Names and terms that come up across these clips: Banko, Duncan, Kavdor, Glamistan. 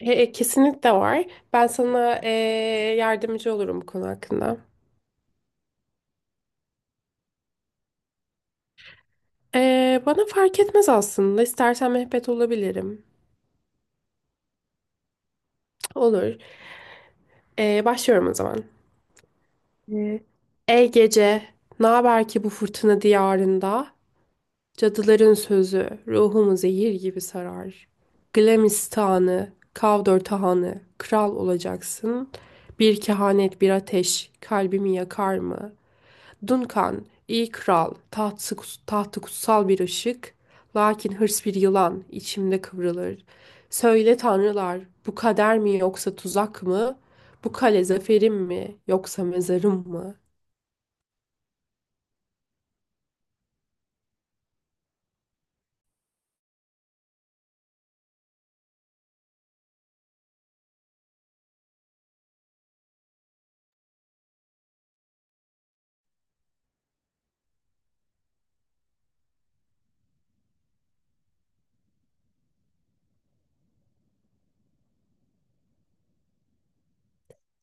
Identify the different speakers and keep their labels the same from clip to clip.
Speaker 1: Kesinlikle var. Ben sana yardımcı olurum bu konu hakkında. Bana fark etmez aslında. İstersen mehbet olabilirim. Olur. Başlıyorum o zaman. E, Ey gece, ne haber ki bu fırtına diyarında? Cadıların sözü ruhumu zehir gibi sarar. Glamistanı, Kavdor tahanı, kral olacaksın. Bir kehanet, bir ateş kalbimi yakar mı? Duncan, iyi kral, tahtı kutsal bir ışık, lakin hırs bir yılan, içimde kıvrılır. Söyle tanrılar, bu kader mi yoksa tuzak mı? Bu kale zaferim mi yoksa mezarım mı?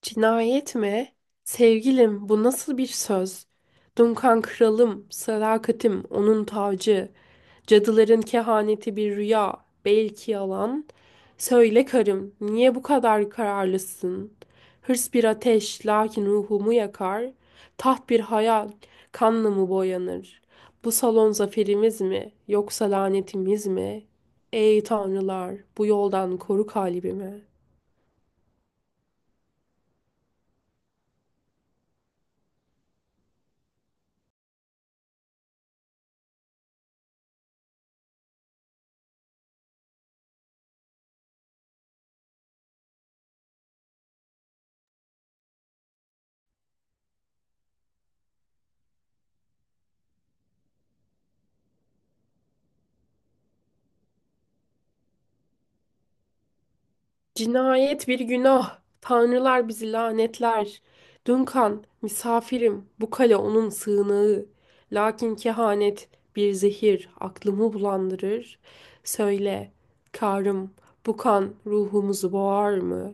Speaker 1: Cinayet mi? Sevgilim, bu nasıl bir söz? Dunkan kralım, sadakatim, onun tacı. Cadıların kehaneti bir rüya, belki yalan. Söyle karım, niye bu kadar kararlısın? Hırs bir ateş, lakin ruhumu yakar. Taht bir hayal, kanla mı boyanır? Bu salon zaferimiz mi, yoksa lanetimiz mi? Ey tanrılar, bu yoldan koru kalbimi. Cinayet bir günah. Tanrılar bizi lanetler. Duncan, misafirim, bu kale onun sığınağı. Lakin kehanet bir zehir aklımı bulandırır. Söyle, karım, bu kan ruhumuzu boğar mı?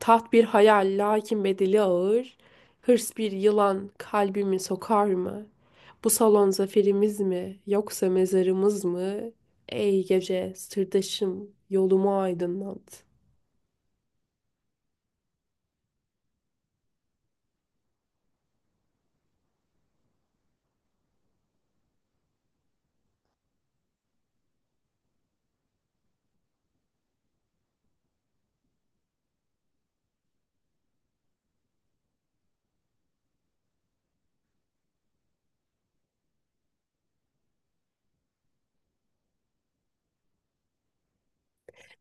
Speaker 1: Taht bir hayal, lakin bedeli ağır. Hırs bir yılan kalbimi sokar mı? Bu salon zaferimiz mi, yoksa mezarımız mı? Ey gece, sırdaşım, yolumu aydınlat.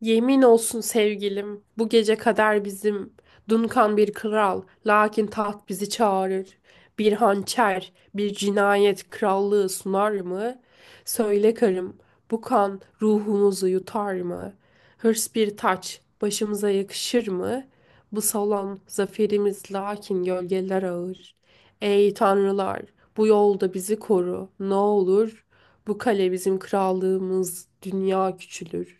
Speaker 1: Yemin olsun sevgilim, bu gece kader bizim. Dunkan bir kral, lakin taht bizi çağırır. Bir hançer, bir cinayet krallığı sunar mı? Söyle karım, bu kan ruhumuzu yutar mı? Hırs bir taç, başımıza yakışır mı? Bu salon zaferimiz lakin gölgeler ağır. Ey tanrılar, bu yolda bizi koru, ne olur. Bu kale bizim krallığımız, dünya küçülür.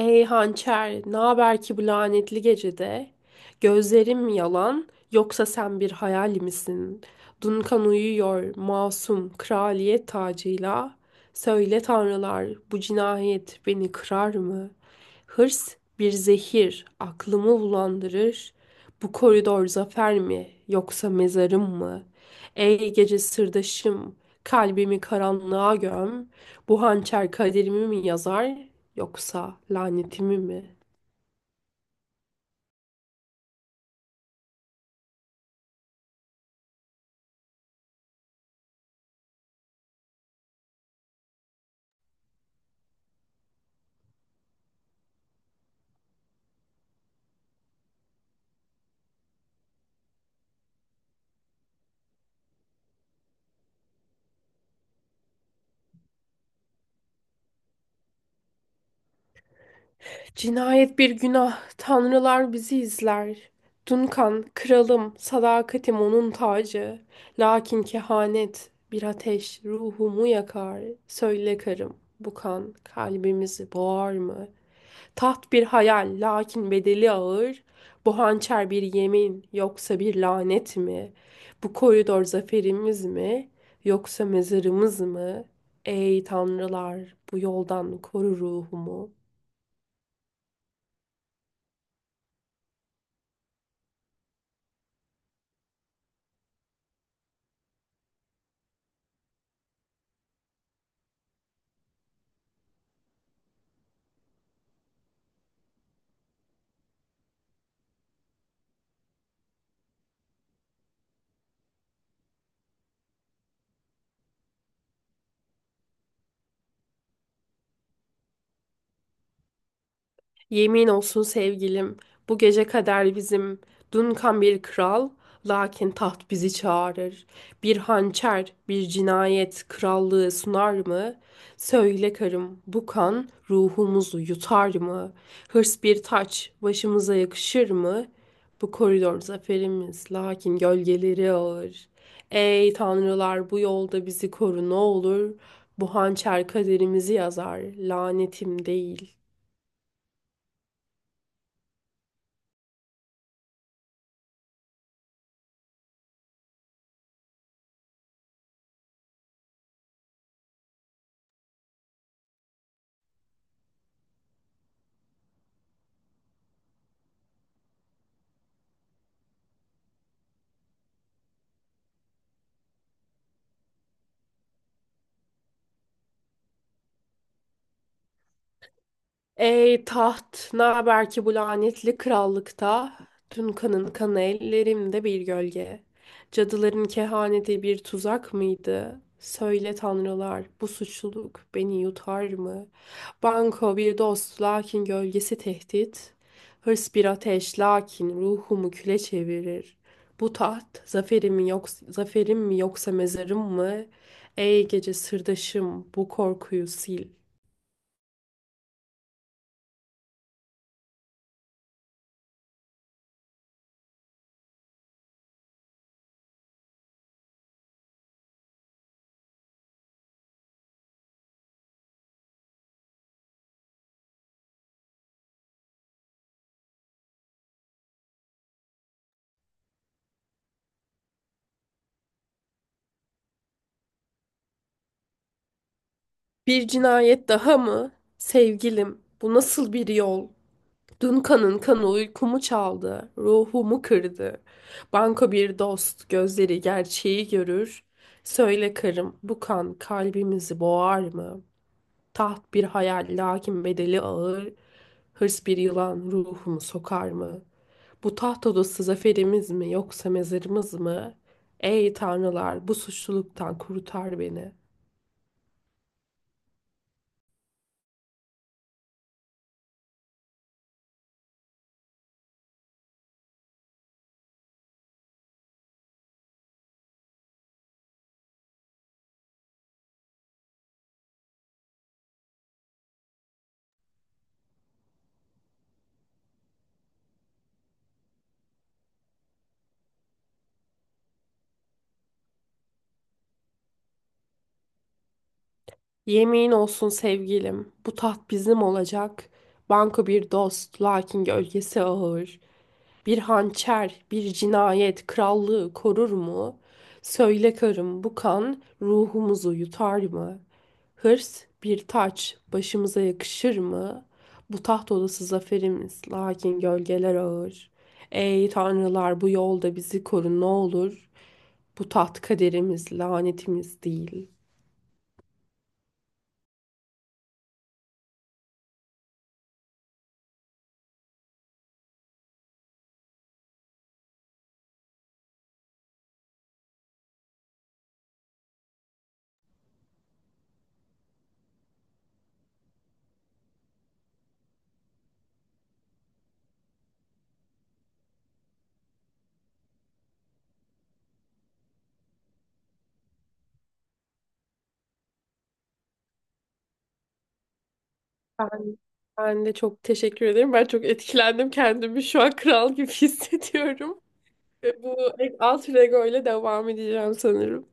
Speaker 1: Ey hançer, ne haber ki bu lanetli gecede? Gözlerim yalan, yoksa sen bir hayal misin? Dunkan uyuyor, masum, kraliyet tacıyla. Söyle tanrılar, bu cinayet beni kırar mı? Hırs bir zehir, aklımı bulandırır. Bu koridor zafer mi, yoksa mezarım mı? Ey gece sırdaşım, kalbimi karanlığa göm. Bu hançer kaderimi mi yazar, yoksa lanetimi mi? Cinayet bir günah, tanrılar bizi izler. Duncan kralım, sadakatim onun tacı. Lakin kehanet, bir ateş ruhumu yakar. Söyle karım, bu kan kalbimizi boğar mı? Taht bir hayal, lakin bedeli ağır. Bu hançer bir yemin, yoksa bir lanet mi? Bu koridor zaferimiz mi, yoksa mezarımız mı? Ey tanrılar, bu yoldan koru ruhumu. Yemin olsun sevgilim, bu gece kader bizim. Dunkan bir kral, lakin taht bizi çağırır. Bir hançer, bir cinayet krallığı sunar mı? Söyle karım, bu kan ruhumuzu yutar mı? Hırs bir taç, başımıza yakışır mı? Bu koridor zaferimiz, lakin gölgeleri ağır. Ey tanrılar, bu yolda bizi koru ne olur. Bu hançer kaderimizi yazar, lanetim değil. Ey taht, ne haber ki bu lanetli krallıkta? Tüm kanın kanı ellerimde bir gölge. Cadıların kehaneti bir tuzak mıydı? Söyle tanrılar, bu suçluluk beni yutar mı? Banko bir dost, lakin gölgesi tehdit. Hırs bir ateş, lakin ruhumu küle çevirir. Bu taht, zaferim mi yoksa mezarım mı? Ey gece sırdaşım, bu korkuyu sil. Bir cinayet daha mı? Sevgilim, bu nasıl bir yol? Dün kanın kanı uykumu çaldı, ruhumu kırdı. Banko bir dost, gözleri gerçeği görür. Söyle karım, bu kan kalbimizi boğar mı? Taht bir hayal, lakin bedeli ağır. Hırs bir yılan ruhumu sokar mı? Bu taht odası zaferimiz mi, yoksa mezarımız mı? Ey tanrılar, bu suçluluktan kurtar beni. Yemin olsun sevgilim, bu taht bizim olacak. Banko bir dost, lakin gölgesi ağır. Bir hançer, bir cinayet krallığı korur mu? Söyle karım, bu kan ruhumuzu yutar mı? Hırs bir taç, başımıza yakışır mı? Bu taht odası zaferimiz, lakin gölgeler ağır. Ey tanrılar, bu yolda bizi korun ne olur. Bu taht kaderimiz, lanetimiz değil. Ben de çok teşekkür ederim. Ben çok etkilendim. Kendimi şu an kral gibi hissediyorum. Ve bu alt Lego ile devam edeceğim sanırım.